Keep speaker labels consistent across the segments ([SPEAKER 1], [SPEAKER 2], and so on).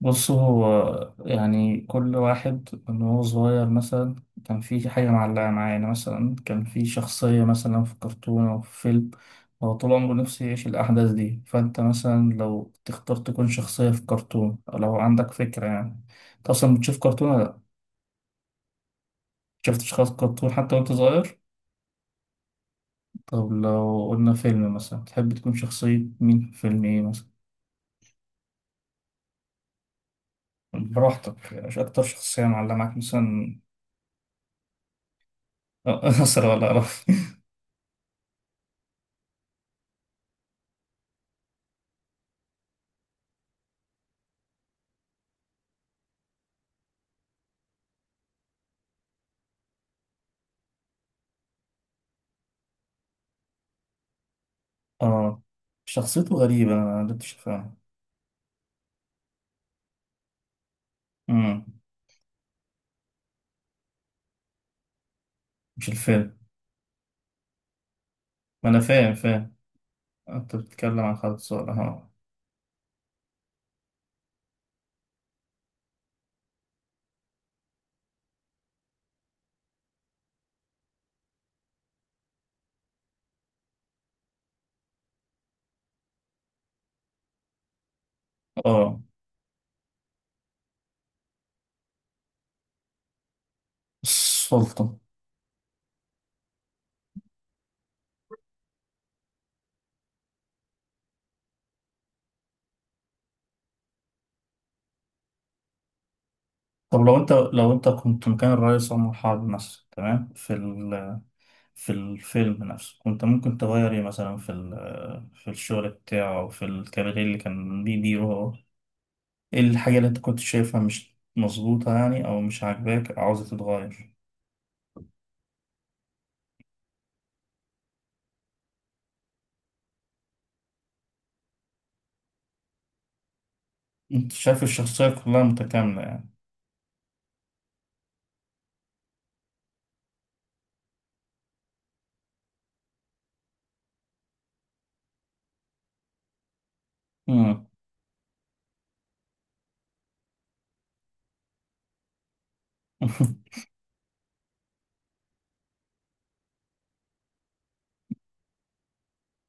[SPEAKER 1] بص، هو يعني كل واحد من هو صغير مثلا كان في حاجة معلقة معاه. يعني مثلا كان في شخصية مثلا في كرتون أو في فيلم. هو طول عمره نفسه يعيش الأحداث دي، فأنت مثلا لو تختار تكون شخصية في كرتون، أو لو عندك فكرة يعني. أنت أصلا بتشوف كرتون ولا لأ؟ شفت شخص كرتون حتى وأنت صغير؟ طب لو قلنا فيلم مثلا، تحب تكون شخصية مين في فيلم إيه مثلا؟ براحتك، مش أكتر شخصية معلقة معاك مثلا. أسرة ولا أقرب. اه، شخصيته غريبة، أنا ما قدرتش أفهمها. امم. مش الفيلم. ما أنا فاهم فاهم. أنت بتتكلم عن خالد صالح، اه. اه، السلطة. طب لو أنت كنت مكان الرئيس عمر حرب مثلا، تمام، في الفيلم نفسه كنت ممكن تغير إيه مثلا في الشغل بتاعه أو في الكارير اللي كان بيديره هو. إيه الحاجة اللي أنت كنت شايفها مش مظبوطة يعني، أو مش عاجباك، أو عاوزة تتغير؟ أنت شايف الشخصية كلها متكاملة يعني؟ امم.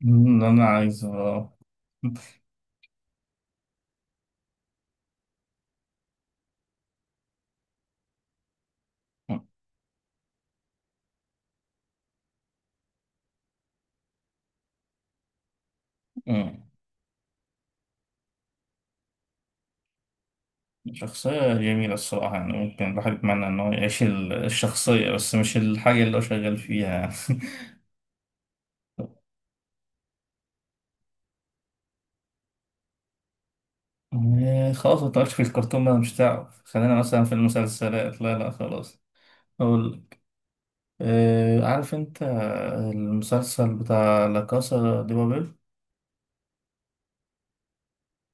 [SPEAKER 1] إن أنا عايز مم. شخصية جميلة الصراحة، يعني ممكن الواحد يتمنى إن هو يعيش الشخصية، بس مش الحاجة اللي هو شغال فيها يعني. إيه، خلاص، ما في الكرتون بقى مش هتعرف، خلينا مثلا في المسلسلات، لا لا خلاص. أقول، عارف أنت المسلسل بتاع لا كاسا دي بابيل؟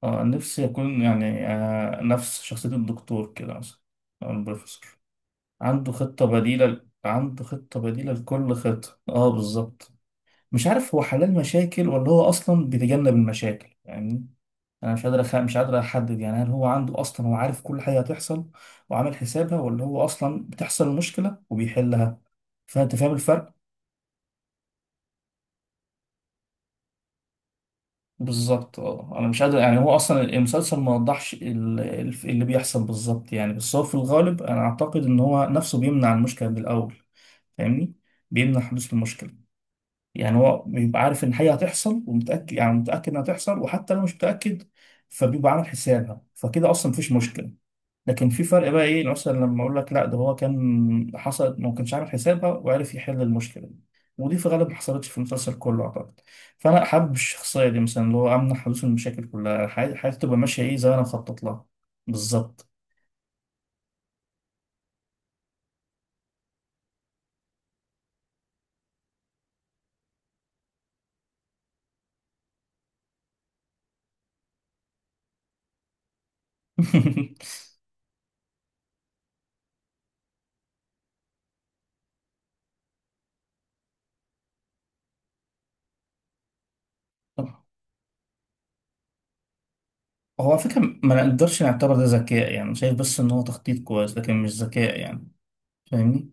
[SPEAKER 1] نفسي أكون يعني نفس شخصية الدكتور كده مثلا، أو البروفيسور. عنده خطة بديلة، عنده خطة بديلة لكل خطة. اه، بالظبط. مش عارف هو حلال مشاكل ولا هو أصلا بيتجنب المشاكل يعني. أنا مش قادر أحدد يعني، هل هو عنده، أصلا هو عارف كل حاجة هتحصل وعامل حسابها، ولا هو أصلا بتحصل المشكلة وبيحلها؟ فأنت فاهم الفرق؟ بالظبط اه، أنا مش قادر يعني، هو أصلا المسلسل ما وضحش اللي بيحصل بالظبط يعني، بس هو في الغالب أنا أعتقد إن هو نفسه بيمنع المشكلة من الأول. فاهمني؟ بيمنع حدوث المشكلة. يعني هو بيبقى عارف ان حاجه هتحصل، ومتاكد يعني متاكد انها هتحصل، وحتى لو مش متاكد فبيبقى عامل حسابها، فكده اصلا مفيش مشكله. لكن في فرق بقى، ايه مثلا لما اقول لك لا ده هو كان حصلت ما كانش عامل حسابها، وعرف يحل المشكله دي. ودي في غالب ما حصلتش في المسلسل كله اعتقد. فانا حابب الشخصيه دي، مثلا اللي هو امنع حدوث المشاكل كلها، حياتي تبقى ماشيه ايه زي ما انا مخطط لها. بالظبط. هو على فكره ما نقدرش نعتبر ده ذكاء يعني، شايف بس ان هو تخطيط كويس لكن مش ذكاء يعني. فاهمني؟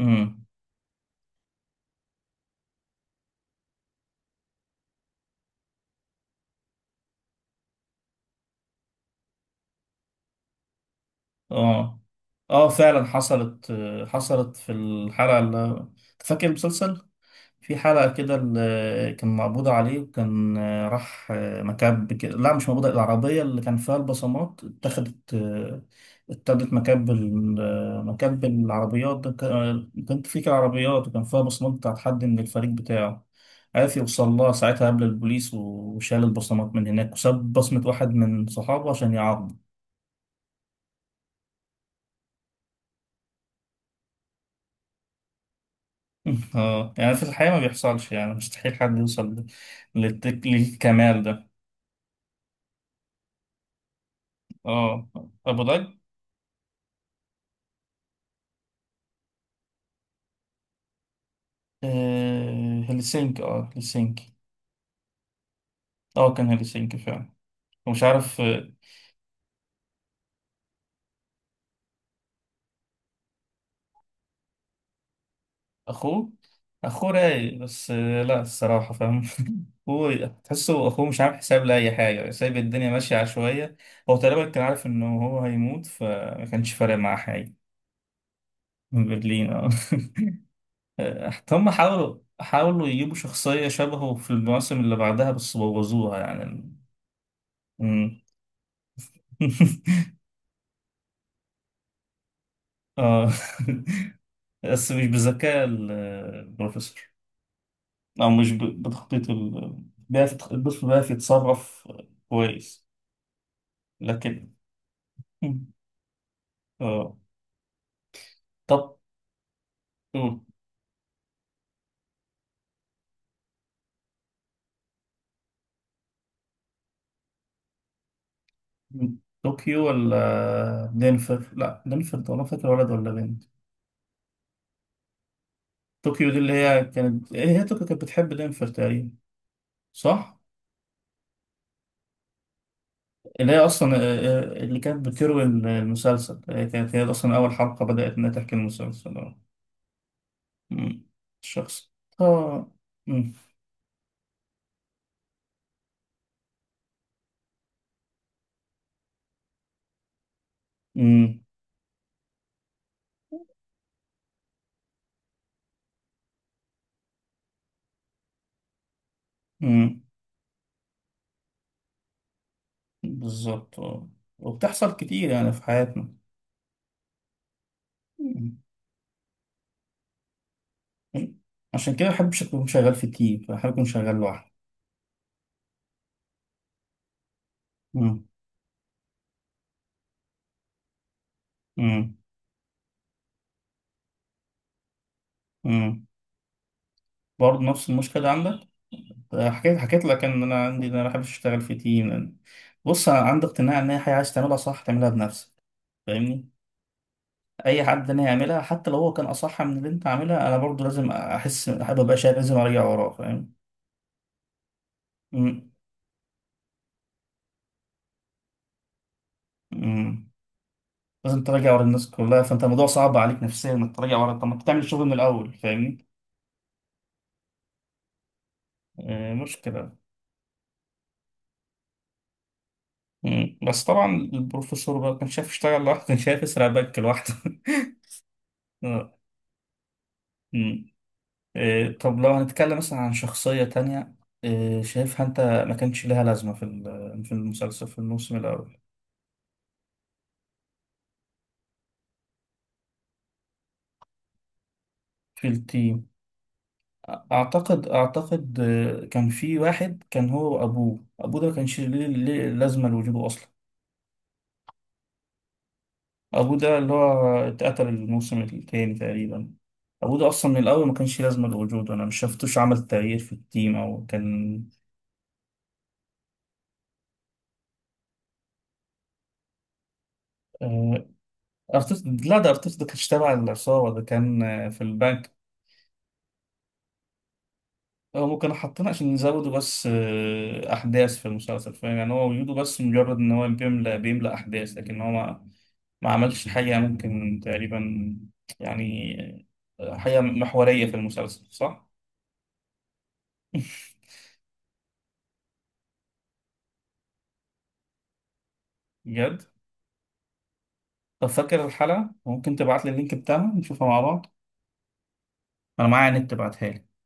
[SPEAKER 1] امم. اه. اه فعلا حصلت. حصلت في الحلقة اللي، فاكر المسلسل، في حلقة كده اللي كان مقبوض عليه، وكان راح مكب كده، لا مش مقبوض، العربية اللي كان فيها البصمات اتخذت مكب مكب العربيات ده، كانت في كده عربيات وكان فيها بصمات بتاعت حد من الفريق بتاعه. عرف يوصل لها ساعتها قبل البوليس، وشال البصمات من هناك، وساب بصمة واحد من صحابه عشان يعاقبه. اه يعني في الحقيقة ما بيحصلش يعني، مستحيل حد يوصل للكمال ده. اه، أبو ظبي. آه هلسنكي، اه هلسنكي. اه كان هلسنكي فعلا. ومش عارف أخوه. أخوه رايق بس آه لا الصراحة فاهم. هو تحسه أخوه مش عامل حساب لأي حاجة، سايب الدنيا ماشية عشوائية. هو تقريبا كان عارف إنه هو هيموت فما كانش فارق معاه حاجة. برلين اه. هم حاولوا حاولوا يجيبوا شخصية شبهه في المواسم اللي بعدها بس بوظوها يعني. مم. اه بس مش بذكاء البروفيسور، او مش بتخطيط البروفيسور بيعرف يتصرف كويس. لكن مم. اه. طب. أوه. طوكيو ولا دنفر؟ لا دنفر ده، انا فاكر ولد ولا بنت. طوكيو دي اللي هي كانت، هي طوكيو كانت بتحب دنفر تقريبا. صح. اللي هي أصلا اللي كانت بتروي المسلسل، كانت هي أصلا أول حلقة بدأت إنها تحكي المسلسل آه. مم. الشخص. آه. مم. مم. مم. بالظبط آه. وبتحصل كتير يعني في حياتنا. مم. مم. عشان كده مبحبش أكون شغال في تيم، بحب أكون شغال لوحدي. مم. مم. مم. برضه نفس المشكلة عندك. حكيت حكيت لك إن أنا عندي، إن أنا مبحبش أشتغل في تيم لأن، بص أنا عندي اقتناع إن هي حاجة عايز تعملها صح تعملها بنفسك. فاهمني؟ اي حد انا هيعملها حتى لو هو كان اصح من اللي انت عاملها، انا برضو لازم احس، حابب ابقى شايف، لازم ارجع وراه. فاهم؟ امم. أمم. لازم تراجع ورا الناس كلها، فانت الموضوع صعب عليك نفسيا انك تراجع ورا، طب ما تعمل الشغل من الاول. فاهمني؟ آه، مشكله. أمم. بس طبعا البروفيسور بقى كان شايف يشتغل لوحده، كان شايف يسرق بنك لوحده. آه. أمم. طب لو هنتكلم مثلا عن شخصيه تانية، شايفها انت ما كانش لها لازمه في المسلسل، في الموسم الاول، في التيم. اعتقد اعتقد كان في واحد كان هو وابوه، ابوه ده ما كانش ليه لازمه لوجوده اصلا. ابوه ده اللي هو اتقتل الموسم التاني تقريبا. ابوه ده اصلا من الاول ما كانش لازمه لوجوده، انا مش شفتوش عمل تغيير في التيم او كان آه، ارتيتا. لا ده ارتيتا ده كانش تابع العصابه، ده كان في البنك. هم كانوا حاطينه عشان يزودوا بس احداث في المسلسل، فاهم يعني، هو وجوده بس مجرد ان هو بيملى بيملى احداث، لكن هو ما عملش حاجة ممكن تقريبا يعني حاجة محورية في المسلسل، صح؟ بجد؟ طب فاكر الحلقة؟ ممكن تبعت لي اللينك بتاعها نشوفها مع بعض؟ أنا معايا نت تبعتها لي.